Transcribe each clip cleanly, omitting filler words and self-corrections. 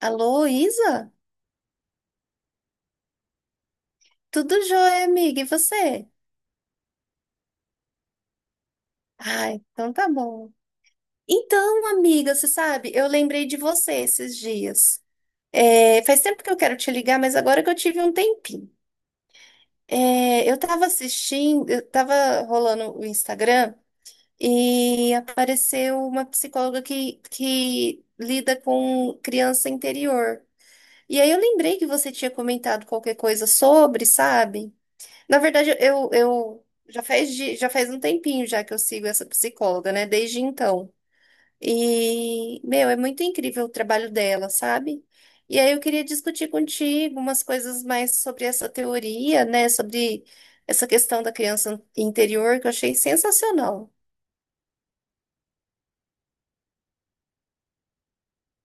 Alô, Isa? Tudo jóia, amiga? E você? Ai, então tá bom. Então, amiga, você sabe, eu lembrei de você esses dias. É, faz tempo que eu quero te ligar, mas agora que eu tive um tempinho. Eu tava assistindo, eu tava rolando o Instagram e apareceu uma psicóloga que lida com criança interior. E aí eu lembrei que você tinha comentado qualquer coisa sobre, sabe? Na verdade, eu já faz, já faz um tempinho já que eu sigo essa psicóloga, né? Desde então. E, meu, é muito incrível o trabalho dela, sabe? E aí eu queria discutir contigo umas coisas mais sobre essa teoria, né? Sobre essa questão da criança interior que eu achei sensacional.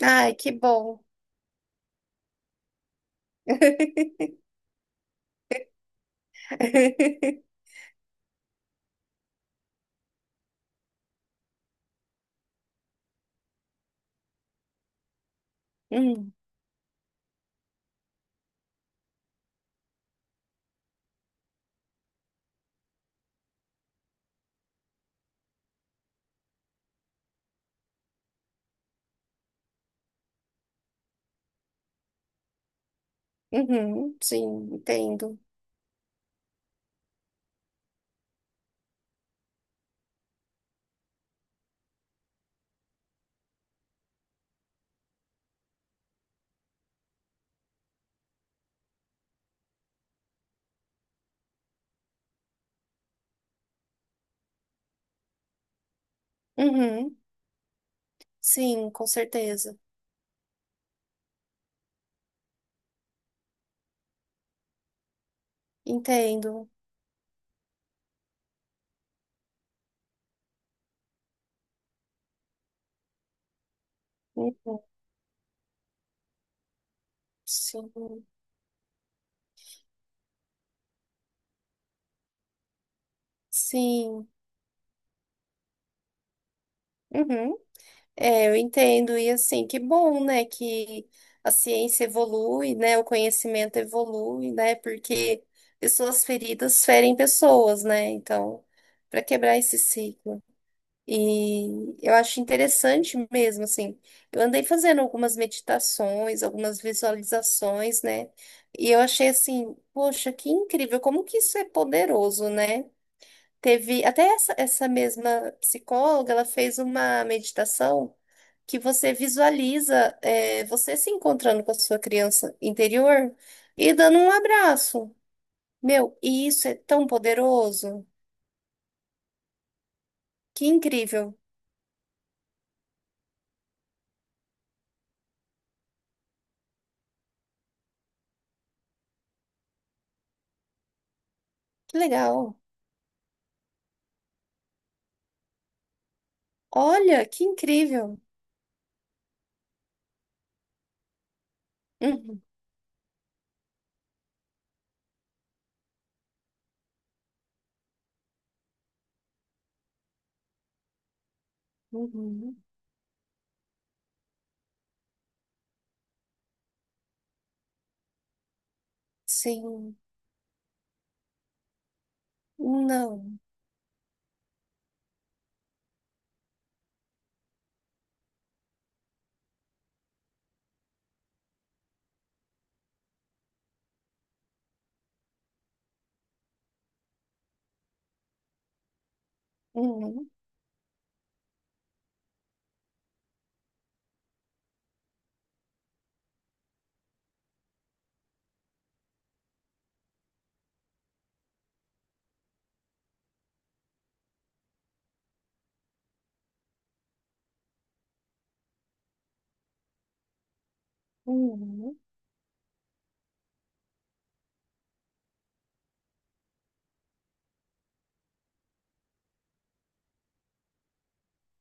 Ai, que bom. Hum. Uhum, sim, entendo. Uhum, sim, com certeza. Entendo. Uhum, sim. Sim, uhum. É, eu entendo. E assim, que bom, né, que a ciência evolui, né, o conhecimento evolui, né, porque pessoas feridas ferem pessoas, né, então, para quebrar esse ciclo. E eu acho interessante mesmo, assim, eu andei fazendo algumas meditações, algumas visualizações, né, e eu achei assim, poxa, que incrível, como que isso é poderoso, né? Teve até essa mesma psicóloga, ela fez uma meditação que você visualiza você se encontrando com a sua criança interior e dando um abraço. Meu, e isso é tão poderoso. Que incrível. Que legal. Olha, que incrível. Uhum, uhum. Sim. Não. Uhum, uhum.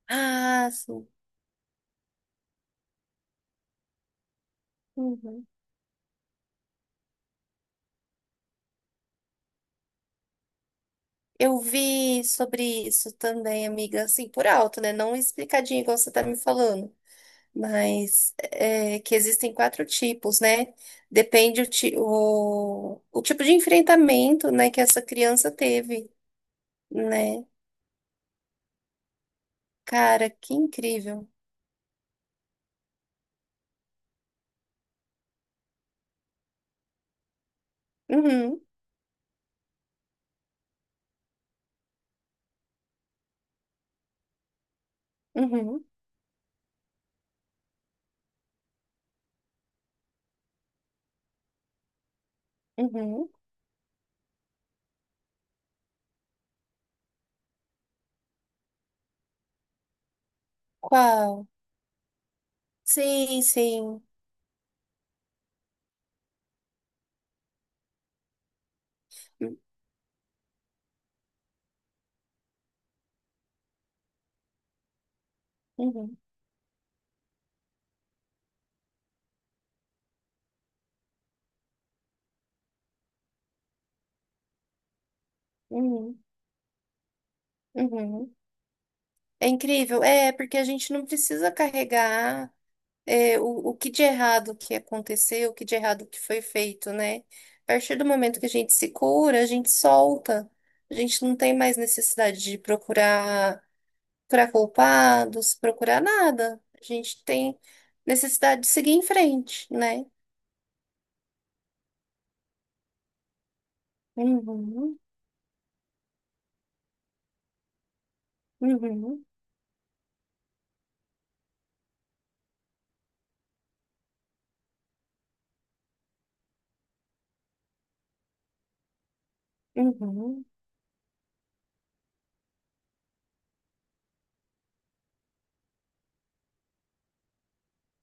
Ah, sim. Uhum. Eu vi sobre isso também, amiga, assim, por alto, né? Não explicadinho igual você tá me falando, mas é, que existem quatro tipos, né? Depende o, o tipo de enfrentamento, né, que essa criança teve, né? Cara, que incrível. Uhum, uhum, uhum. Qual? Sim, sim. Uhum, uhum, uhum. É incrível, é, porque a gente não precisa carregar. É, o que de errado que aconteceu, o que de errado que foi feito, né? A partir do momento que a gente se cura, a gente solta. A gente não tem mais necessidade de procurar, procurar culpados, procurar nada. A gente tem necessidade de seguir em frente, né? Uhum, uhum, uhum,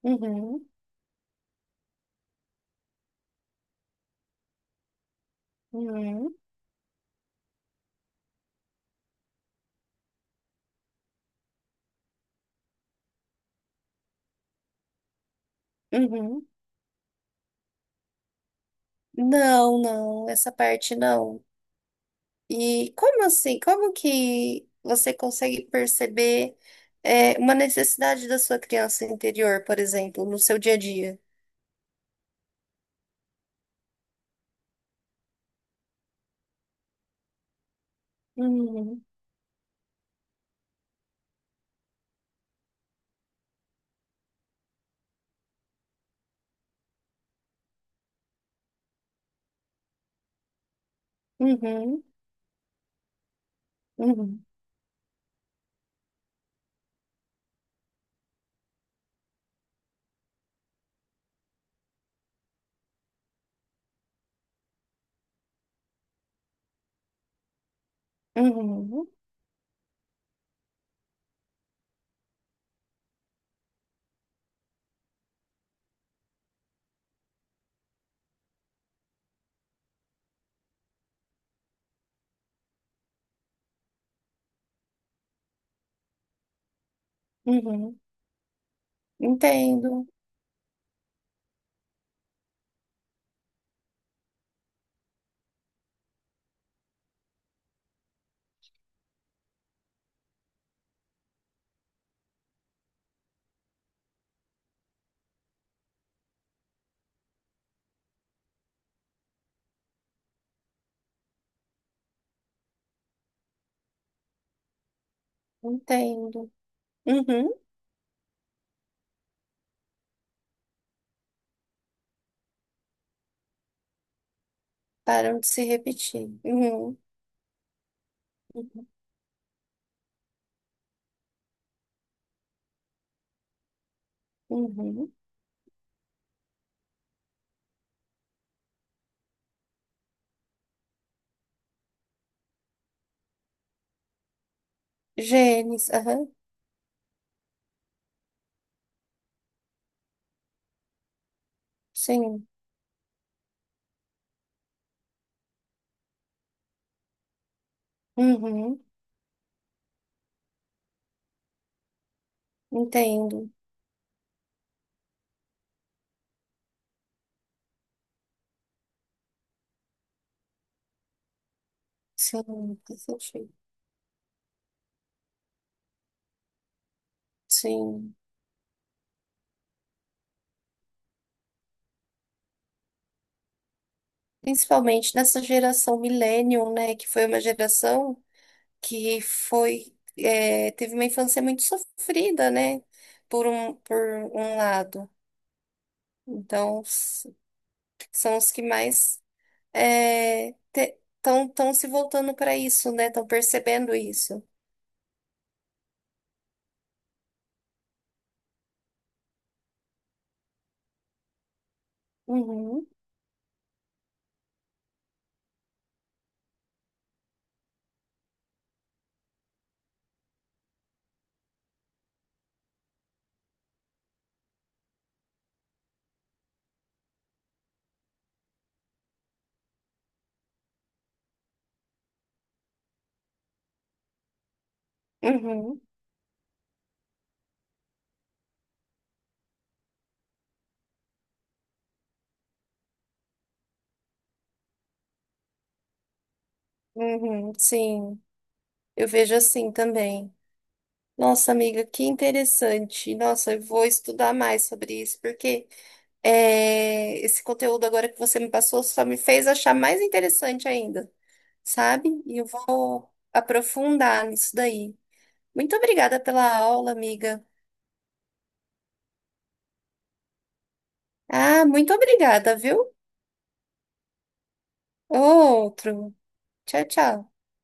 uhum, uhum, uhum. Não, não, essa parte não. E como assim? Como que você consegue perceber uma necessidade da sua criança interior, por exemplo, no seu dia a dia? Uhum, uhum, uhum, uhum, uhum. Entendo, entendo. Uhum. Param de se repetir. Uhum, uhum, uhum. Genes, aham. Sim. Uhum. Entendo. Sim, faz sentido. Sim. Principalmente nessa geração millennium, né, que foi uma geração que foi teve uma infância muito sofrida, né? Por um lado. Então, são os que mais estão tão se voltando para isso, né? Estão percebendo isso. Uhum, uhum, uhum, sim, eu vejo assim também. Nossa, amiga, que interessante. Nossa, eu vou estudar mais sobre isso, porque esse conteúdo agora que você me passou só me fez achar mais interessante ainda. Sabe? E eu vou aprofundar nisso daí. Muito obrigada pela aula, amiga. Ah, muito obrigada, viu? Outro. Tchau, tchau.